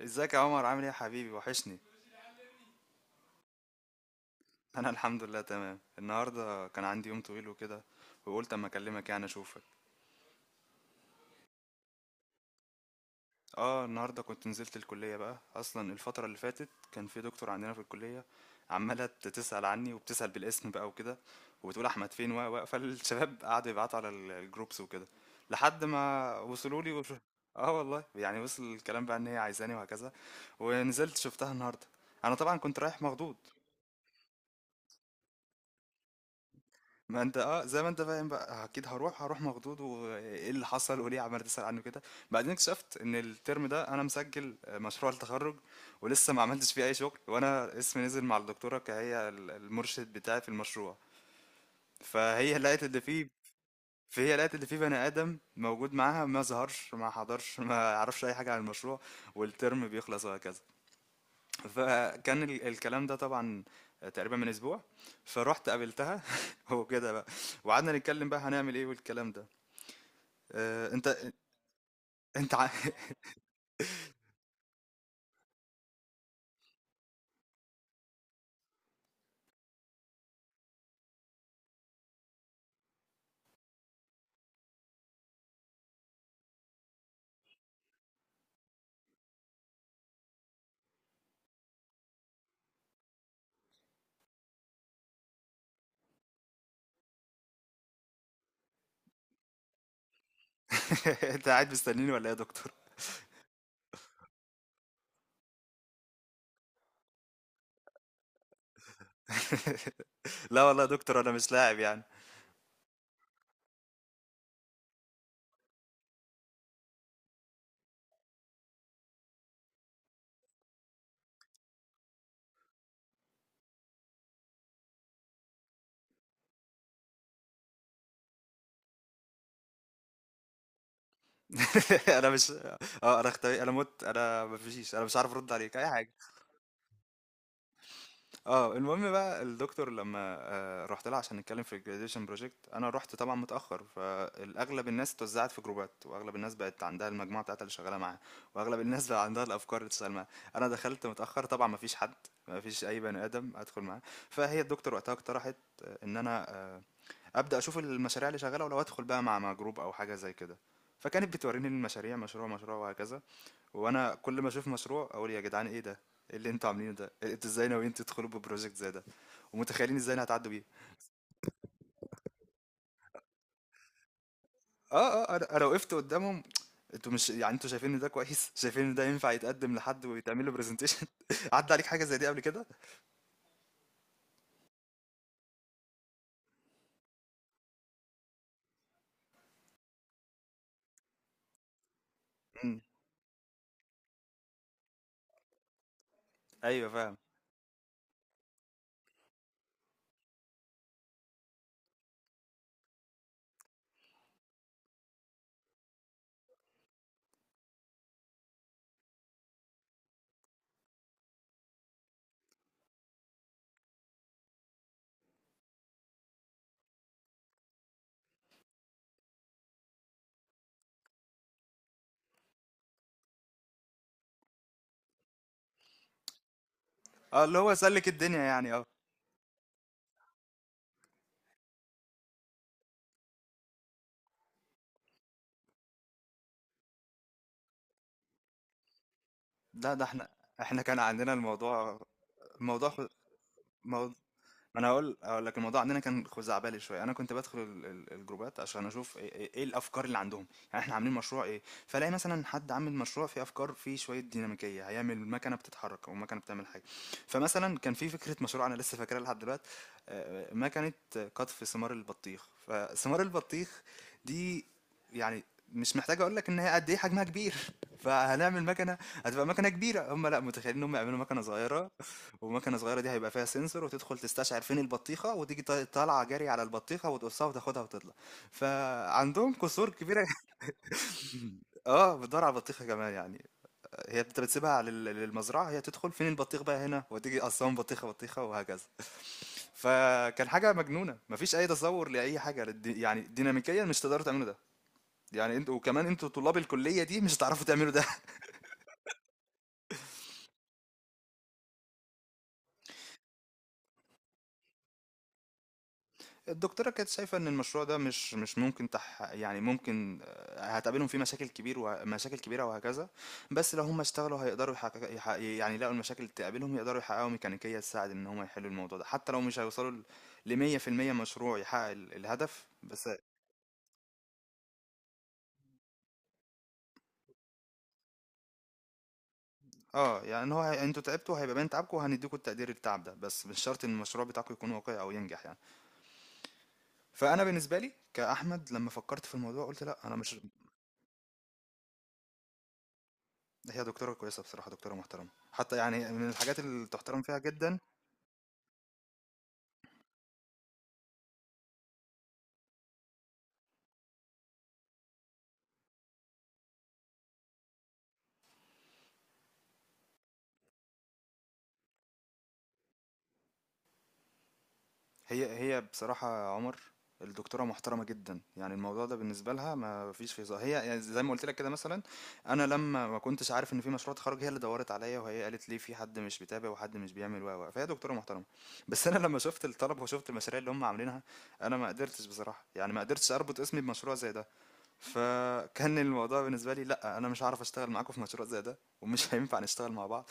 ازيك يا عمر؟ عامل ايه يا حبيبي؟ وحشني. انا الحمد لله تمام. النهارده كان عندي يوم طويل وكده، وقلت اما اكلمك يعني اشوفك. اه، النهارده كنت نزلت الكليه بقى. اصلا الفتره اللي فاتت كان في دكتور عندنا في الكليه عماله تسال عني، وبتسال بالاسم بقى وكده، وبتقول احمد فين، و فالشباب قعدوا يبعتوا على الجروبس وكده لحد ما وصلوا لي. اه والله، يعني وصل الكلام بقى ان هي عايزاني وهكذا، ونزلت شفتها النهارده. انا طبعا كنت رايح مخضوض. ما انت اه، زي ما انت فاهم بقى، اكيد هروح مخضوض، وايه اللي حصل، وليه عمال تسأل عنه كده. بعدين اكتشفت ان الترم ده انا مسجل مشروع التخرج، ولسه ما عملتش فيه اي شغل، وانا اسمي نزل مع الدكتوره كهي المرشد بتاعي في المشروع. فهي لقت اللي فيه، فهي لقت اللي فيه بني ادم موجود معاها، ما ظهرش ما حضرش ما عرفش اي حاجه عن المشروع، والترم بيخلص وهكذا. فكان الكلام ده طبعا تقريبا من اسبوع. فروحت قابلتها وكده بقى، وقعدنا نتكلم بقى هنعمل ايه والكلام ده. آه، انت انت ع- انت قاعد مستنيني ولا ايه يا دكتور؟ لا والله يا دكتور، انا مش لاعب يعني. انا مش اه، انا اختفي، انا مت، انا مفيش، انا مش عارف ارد عليك اي حاجه. آه، المهم بقى، الدكتور لمّا رُحت لها عشان نتكلم في الgraduation project، أنا رُحت طبعًا متأخر، فالأغلب الناس اتوزعت في جروبات، وأغلب الناس بقت عندها المجموعة بتاعتها اللي شغالة معاها، وأغلب الناس بقى عندها الأفكار اللي تشتغل معاها. أنا دخلت متأخر طبعًا، ما فيش حد، ما فيش أي بني آدم أدخل معاه. فهي الدكتور وقتها اقترحت إن أنا أبدأ أشوف المشاريع اللي شغالة، ولو أدخل بقى مع جروب أو حاجة زي كده. فكانت بتوريني المشاريع، مشروع، مشروع وهكذا. وانا كل ما اشوف مشروع اقول يا جدعان ايه ده؟ ايه اللي انتوا عاملينه ده؟ انتوا ازاي ناويين تدخلوا ببروجكت زي ده؟ ومتخيلين ازاي انا هتعدوا بيه؟ اه أنا وقفت قدامهم. انتوا مش يعني انتوا شايفين ان ده كويس؟ شايفين ان ده ينفع يتقدم لحد ويتعمل له برزنتيشن؟ عدى عليك حاجه زي دي قبل كده؟ امم، ايوه فاهم. اه، اللي هو سلك الدنيا يعني، اه. لا، ده احنا، احنا كان عندنا الموضوع. الموضوع خ- مو- ما انا هقول لك، الموضوع عندنا كان خزعبلي شويه. انا كنت بدخل الجروبات عشان اشوف ايه، إيه الافكار اللي عندهم، يعني احنا عاملين مشروع ايه. فلاقي مثلا حد عامل مشروع فيه افكار، فيه شويه ديناميكيه، هيعمل مكنه بتتحرك او مكنه بتعمل حاجه. فمثلا كان في فكره مشروع انا لسه فاكرها لحد دلوقتي، مكنه قطف ثمار البطيخ. فثمار البطيخ دي يعني مش محتاج اقول لك ان هي قد ايه حجمها كبير. فهنعمل مكنه هتبقى مكنه كبيره؟ هم لا، متخيلين ان هم يعملوا مكنه صغيره، ومكنه صغيره دي هيبقى فيها سنسور، وتدخل تستشعر فين البطيخه، وتيجي طالعه جري على البطيخه وتقصها وتاخدها وتطلع. فعندهم قصور كبيره. اه، بتدور على البطيخه كمان يعني. هي انت بتسيبها للمزرعه، هي تدخل فين البطيخ بقى هنا وتيجي قصهم بطيخه بطيخه وهكذا. فكان حاجه مجنونه، مفيش اي تصور لاي حاجه يعني ديناميكيا مش تقدروا تعملوا ده. يعني انتوا، وكمان انتوا طلاب الكليه دي، مش هتعرفوا تعملوا ده. الدكتورة كانت شايفة إن المشروع ده مش ممكن تح، يعني ممكن، هتقابلهم فيه مشاكل كبير ومشاكل كبيرة وهكذا، بس لو هم اشتغلوا هيقدروا يحقق، يعني لقوا المشاكل اللي تقابلهم، يقدروا يحققوا ميكانيكية تساعد إن هم يحلوا الموضوع ده حتى لو مش هيوصلوا ل 100% مشروع يحقق الهدف بس. اه، يعني إن هو انتوا تعبتوا، هيبقى باين تعبكم وهنديكوا التقدير التعب ده، بس مش شرط ان المشروع بتاعكم يكون واقعي او ينجح يعني. فانا بالنسبه لي كاحمد، لما فكرت في الموضوع قلت لا، انا مش. هي دكتورة كويسة بصراحة، دكتورة محترمة حتى، يعني من الحاجات اللي تحترم فيها جدا. هي بصراحة يا عمر، الدكتورة محترمة جدا، يعني الموضوع ده بالنسبة لها ما فيش فيه هزار. هي يعني زي ما قلت لك كده، مثلا انا لما ما كنتش عارف ان في مشروع تخرج، هي اللي دورت عليا، وهي قالت لي في حد مش بيتابع وحد مش بيعمل، و فهي دكتورة محترمة. بس انا لما شفت الطلب وشفت المشاريع اللي هم عاملينها، انا ما قدرتش بصراحة، يعني ما قدرتش اربط اسمي بمشروع زي ده. فكان الموضوع بالنسبة لي لا، انا مش هعرف اشتغل معاكم في مشروع زي ده، ومش هينفع نشتغل مع بعض.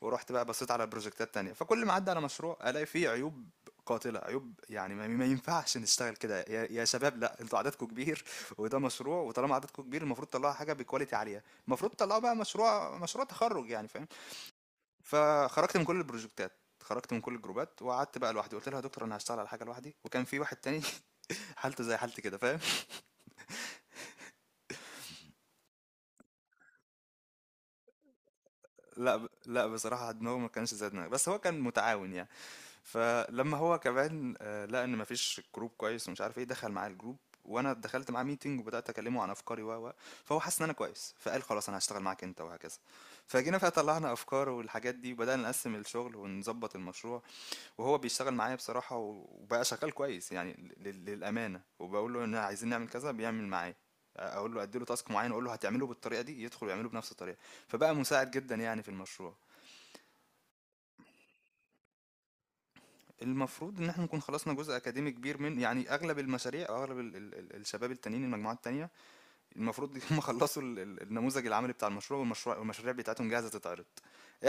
ورحت بقى بصيت على بروجكتات تانية، فكل ما اعدي على مشروع الاقي فيه عيوب قاتلة، عيوب يعني ما ينفعش نشتغل كده يا شباب. لا، انتوا عددكم كبير، وده مشروع، وطالما عددكم كبير المفروض تطلعوا حاجة بكواليتي عالية. المفروض تطلعوا بقى مشروع، مشروع تخرج يعني، فاهم. فخرجت من كل البروجكتات، خرجت من كل الجروبات وقعدت بقى لوحدي. قلت لها يا دكتور انا هشتغل على حاجه لوحدي. وكان في واحد تاني حالته زي حالتي كده، فاهم. لا بصراحه دماغه ما كانش زي دماغي، بس هو كان متعاون يعني. فلما هو كمان لقى ان مفيش جروب كويس ومش عارف ايه، دخل معاه الجروب. وانا دخلت معاه ميتنج وبدات اكلمه عن افكاري، و فهو حس ان انا كويس فقال خلاص انا هشتغل معاك انت وهكذا. فجينا فيها طلعنا افكار والحاجات دي، وبدانا نقسم الشغل ونظبط المشروع. وهو بيشتغل معايا بصراحه، وبقى شغال كويس يعني للامانه. وبقول له ان عايزين نعمل كذا بيعمل معايا، اقول له اديله تاسك معين اقول له هتعمله بالطريقه دي، يدخل ويعمله بنفس الطريقه. فبقى مساعد جدا يعني في المشروع. المفروض ان احنا نكون خلصنا جزء اكاديمي كبير، من يعني اغلب المشاريع او اغلب ال ال ال الشباب التانيين، المجموعات التانية. المفروض هم خلصوا ال ال النموذج العملي بتاع المشروع، والمشروع والمشاريع بتاعتهم جاهزة تتعرض.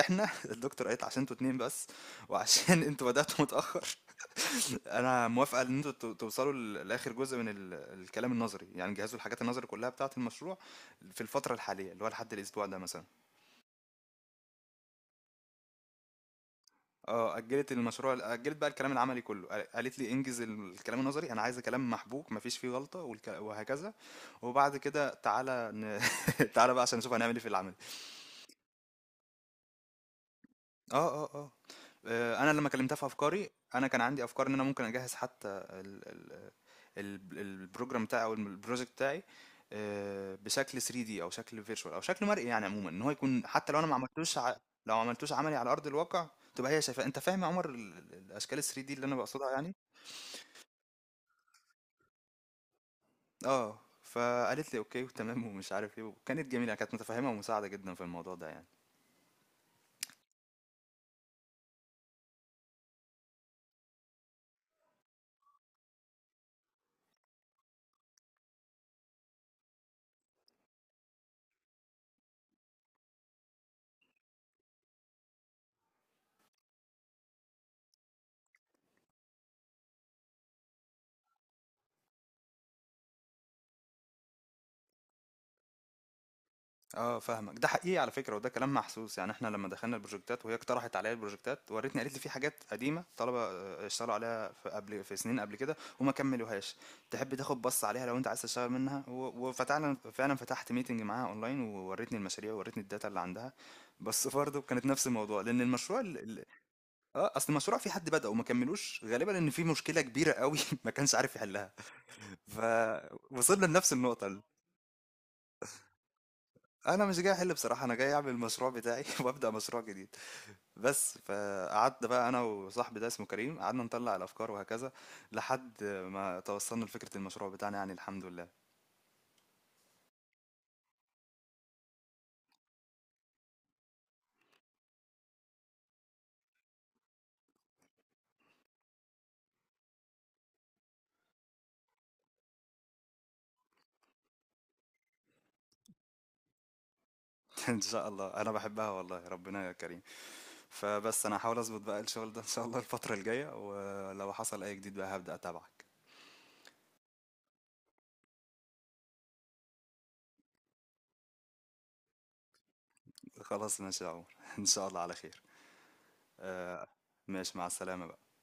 احنا الدكتور قالت عشان انتوا اتنين بس، وعشان انتوا بدأتوا متأخر، انا موافقة ان انتوا توصلوا لاخر جزء من الكلام النظري، يعني جهزوا الحاجات النظري كلها بتاعة المشروع في الفترة الحالية اللي هو لحد الاسبوع ده مثلا. اه، اجلت المشروع، اجلت بقى الكلام العملي كله. قالت لي انجز الكلام النظري، انا عايزه كلام محبوك مفيش فيه غلطه وهكذا، وبعد كده تعالى تعالى بقى عشان نشوف هنعمل ايه في العمل. اه اه اه آه، انا لما كلمتها في افكاري، انا كان عندي افكار ان انا ممكن اجهز حتى البروجرام بتاعي او البروجكت بتاعي، آه، بشكل 3D او شكل فيرتشوال او شكل مرئي، يعني عموما ان هو يكون حتى لو انا ما عملتوش لو ما عملتوش عملي على ارض الواقع، تبقى هي شايفاه. انت فاهم يا عمر الاشكال ال 3D اللي انا بقصدها يعني. اه، فقالت لي اوكي وتمام ومش عارف ايه، وكانت جميله، كانت متفهمه ومساعده جدا في الموضوع ده يعني. اه فاهمك، ده حقيقي على فكره، وده كلام محسوس. يعني احنا لما دخلنا البروجكتات وهي اقترحت عليا البروجكتات، وريتني قالت لي في حاجات قديمه طلبه اشتغلوا عليها في قبل، في سنين قبل كده، وما كملوهاش. تحب تاخد بص عليها لو انت عايز تشتغل منها؟ وفتحنا فعلا، فتحت ميتنج معاها اونلاين ووريتني المشاريع ووريتني الداتا اللي عندها، بس برضه كانت نفس الموضوع، لان المشروع اه، اصل المشروع في حد بدأ وما كملوش، غالبا ان في مشكله كبيره قوي ما كانش عارف يحلها. فوصلنا لنفس النقطة أنا مش جاي أحل بصراحة، أنا جاي أعمل المشروع بتاعي وأبدأ مشروع جديد بس. فقعدت بقى أنا وصاحبي ده، اسمه كريم، قعدنا نطلع الأفكار وهكذا، لحد ما توصلنا لفكرة المشروع بتاعنا يعني الحمد لله. إن شاء الله، أنا بحبها والله، ربنا يا كريم. فبس أنا هحاول أظبط بقى الشغل ده إن شاء الله الفترة الجاية، ولو حصل أي جديد بقى هبدأ أتابعك. خلاص ماشي يا عمر، إن شاء الله على خير. آه، ماشي، مع السلامة بقى.